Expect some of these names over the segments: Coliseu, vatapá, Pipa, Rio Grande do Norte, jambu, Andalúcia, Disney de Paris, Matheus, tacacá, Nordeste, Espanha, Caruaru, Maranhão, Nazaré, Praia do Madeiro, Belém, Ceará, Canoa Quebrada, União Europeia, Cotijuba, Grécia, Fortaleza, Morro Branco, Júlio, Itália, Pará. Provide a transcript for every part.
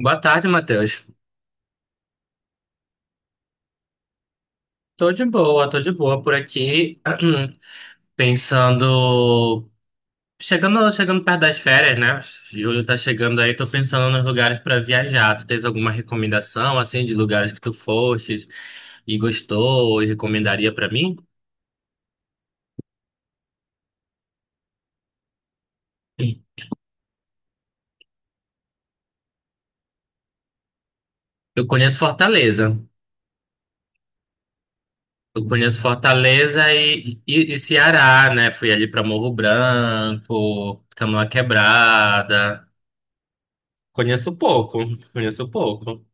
Boa tarde, Matheus. Tô de boa por aqui, pensando, chegando perto das férias, né? Julho tá chegando aí, tô pensando nos lugares pra viajar. Tu tens alguma recomendação assim de lugares que tu fostes e gostou e recomendaria pra mim? Eu conheço Fortaleza. Eu conheço Fortaleza e Ceará, né? Fui ali pra Morro Branco, Canoa Quebrada. Conheço pouco, conheço pouco.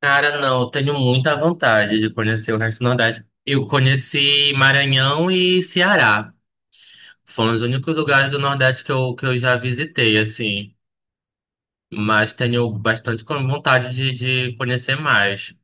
Cara, não, eu tenho muita vontade de conhecer o resto do Nordeste. Eu conheci Maranhão e Ceará. Foram os únicos lugares do Nordeste que eu já visitei, assim. Mas tenho bastante vontade de conhecer mais.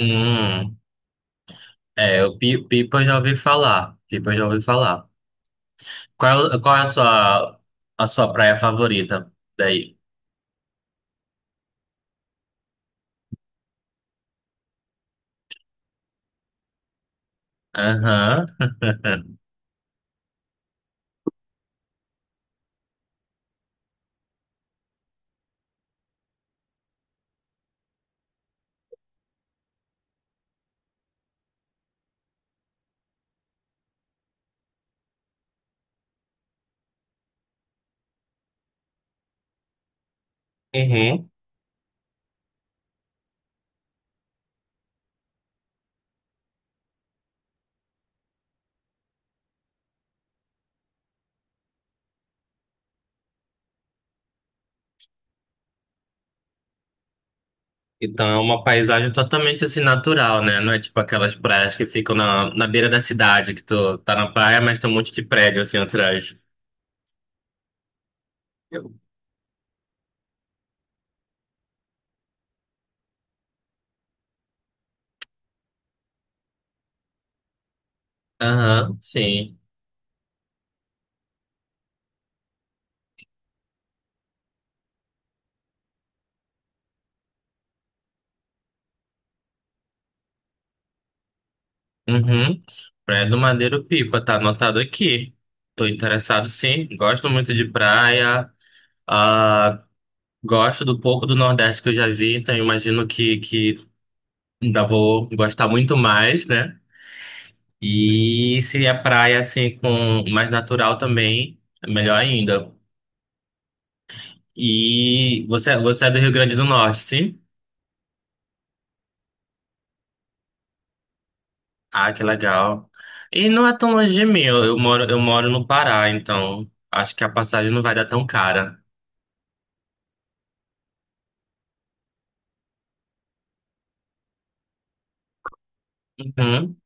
Hum, é, o Pipa eu já ouvi falar. Pipa eu já ouvi falar. Qual, qual é a sua praia favorita daí? Aham. Uhum. Então é uma paisagem totalmente assim natural, né? Não é tipo aquelas praias que ficam na beira da cidade, que tu tá na praia, mas tem um monte de prédio assim atrás. Eu- Aham, sim. Uhum. Praia do Madeiro Pipa, tá anotado aqui. Tô interessado sim, gosto muito de praia. Ah, gosto do pouco do Nordeste que eu já vi, então eu imagino que ainda vou gostar muito mais, né? E se é praia assim com mais natural também, é melhor ainda. E você é do Rio Grande do Norte, sim? Ah, que legal. E não é tão longe de mim, eu moro no Pará, então acho que a passagem não vai dar tão cara. Uhum,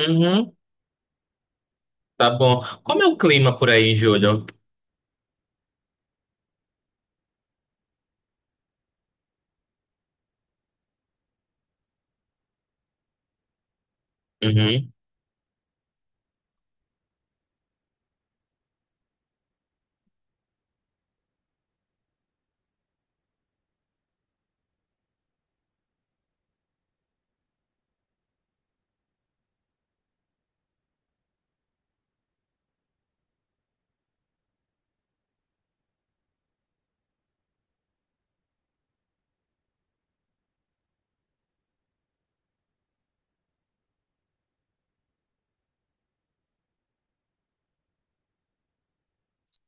uhum, tá bom. Como é o clima por aí, Júlio? Uhum,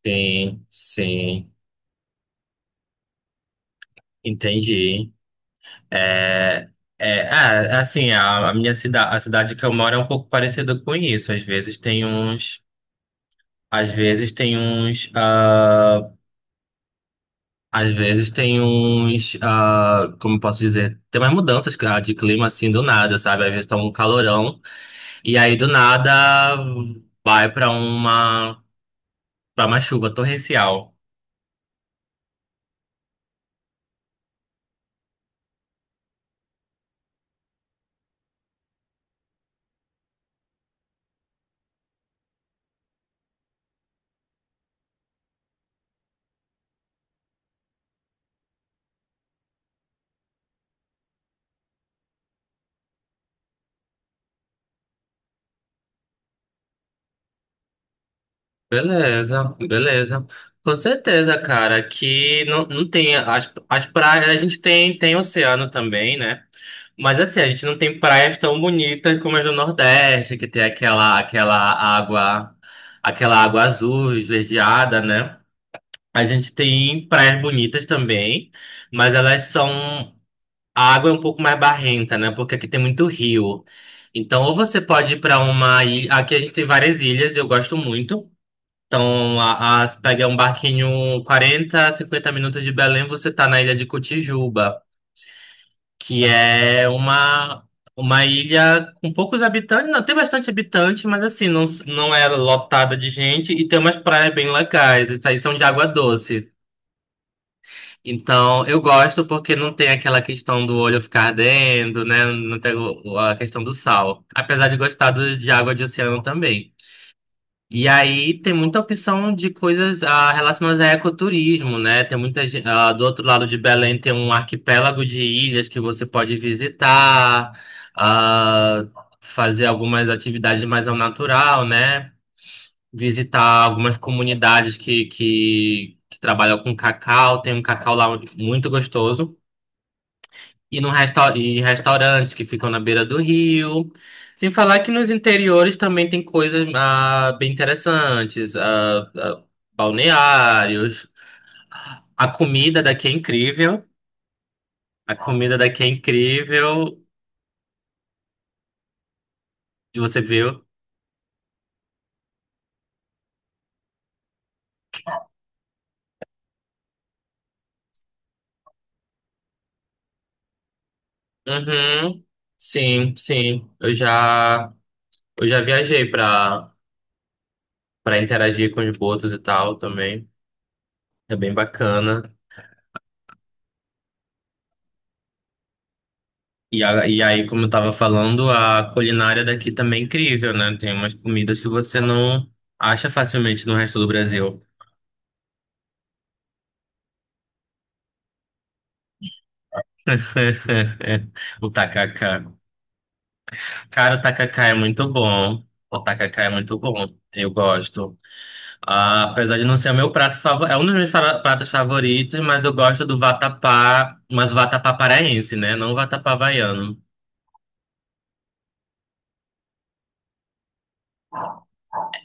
sim, sim, entendi. É, é, assim, a minha cidade, a cidade que eu moro é um pouco parecida com isso. Às vezes tem uns, às vezes tem uns, Às vezes tem uns, como eu posso dizer, tem umas mudanças de clima assim do nada, sabe? Às vezes tá um calorão e aí do nada vai pra uma para uma chuva torrencial. Beleza, beleza. Com certeza, cara, aqui não, não tem as praias, a gente tem oceano também, né? Mas assim, a gente não tem praias tão bonitas como as do Nordeste, que tem aquela água, aquela água azul esverdeada, né? A gente tem praias bonitas também, mas elas são. A água é um pouco mais barrenta, né? Porque aqui tem muito rio. Então, ou você pode ir para uma ilha. Aqui a gente tem várias ilhas, eu gosto muito. Então, você pega um barquinho 40, 50 minutos de Belém, você tá na ilha de Cotijuba, que é uma ilha com poucos habitantes. Não, tem bastante habitante, mas assim, não, não é lotada de gente e tem umas praias bem legais. Essas aí são de água doce. Então, eu gosto porque não tem aquela questão do olho ficar ardendo, né? Não tem a questão do sal. Apesar de gostar de água de oceano também. E aí tem muita opção de coisas relacionadas a ecoturismo, né? Tem muita, do outro lado de Belém tem um arquipélago de ilhas que você pode visitar, ah, fazer algumas atividades mais ao natural, né? Visitar algumas comunidades que trabalham com cacau. Tem um cacau lá muito gostoso. E, no resta e restaurantes que ficam na beira do rio. Sem falar que nos interiores também tem coisas bem interessantes. Balneários. A comida daqui é incrível. A comida daqui é incrível. E você viu? Uhum. Sim, sim. Eu já viajei para interagir com os botos e tal também. É bem bacana. E, e aí, como eu tava falando, a culinária daqui também é incrível, né? Tem umas comidas que você não acha facilmente no resto do Brasil. O tacacá. Cara, o tacacá é muito bom. O tacacá é muito bom. Eu gosto. Ah, apesar de não ser o meu prato favorito, é um dos meus pratos favoritos, mas eu gosto do vatapá, mas o vatapá paraense, né? Não o vatapá baiano.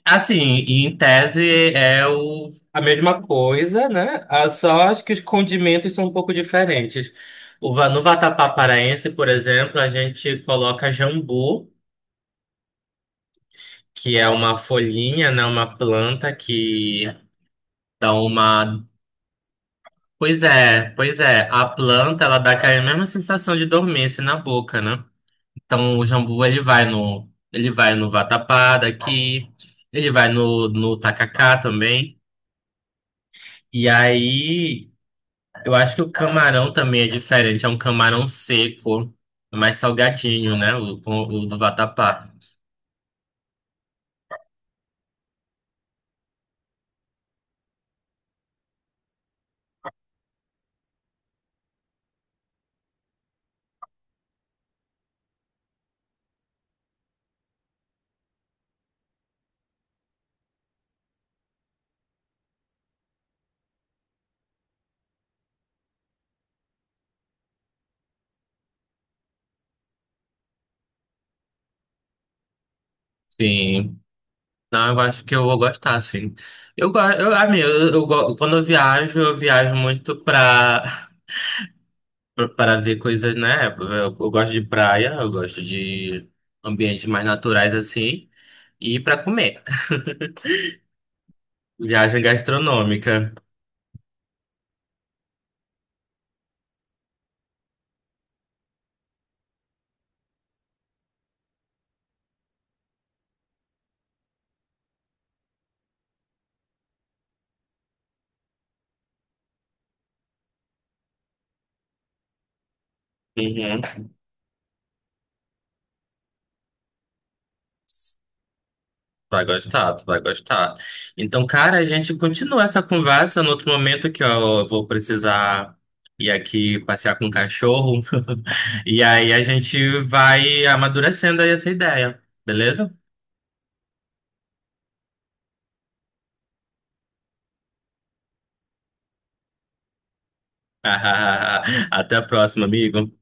Assim, e em tese é a mesma coisa, né? Ah, só acho que os condimentos são um pouco diferentes. No vatapá paraense, por exemplo, a gente coloca jambu, que é uma folhinha, né? Uma planta que dá uma. Pois é, pois é. A planta, ela dá aquela mesma sensação de dormência na boca, né? Então o jambu, ele vai no vatapá daqui, ele vai no, no tacacá também. E aí, eu acho que o camarão também é diferente. É um camarão seco, é mais salgadinho, né? O do vatapá. Sim. Não, eu acho que eu vou gostar, sim. Eu gosto, eu, amigo, quando eu viajo muito pra, para ver coisas, né? Eu gosto de praia, eu gosto de ambientes mais naturais assim, e pra comer. Viagem gastronômica. Uhum. Vai gostar, tu vai gostar. Então, cara, a gente continua essa conversa no outro momento que ó, eu vou precisar ir aqui passear com o cachorro. E aí a gente vai amadurecendo aí essa ideia, beleza? Até a próxima, amigo.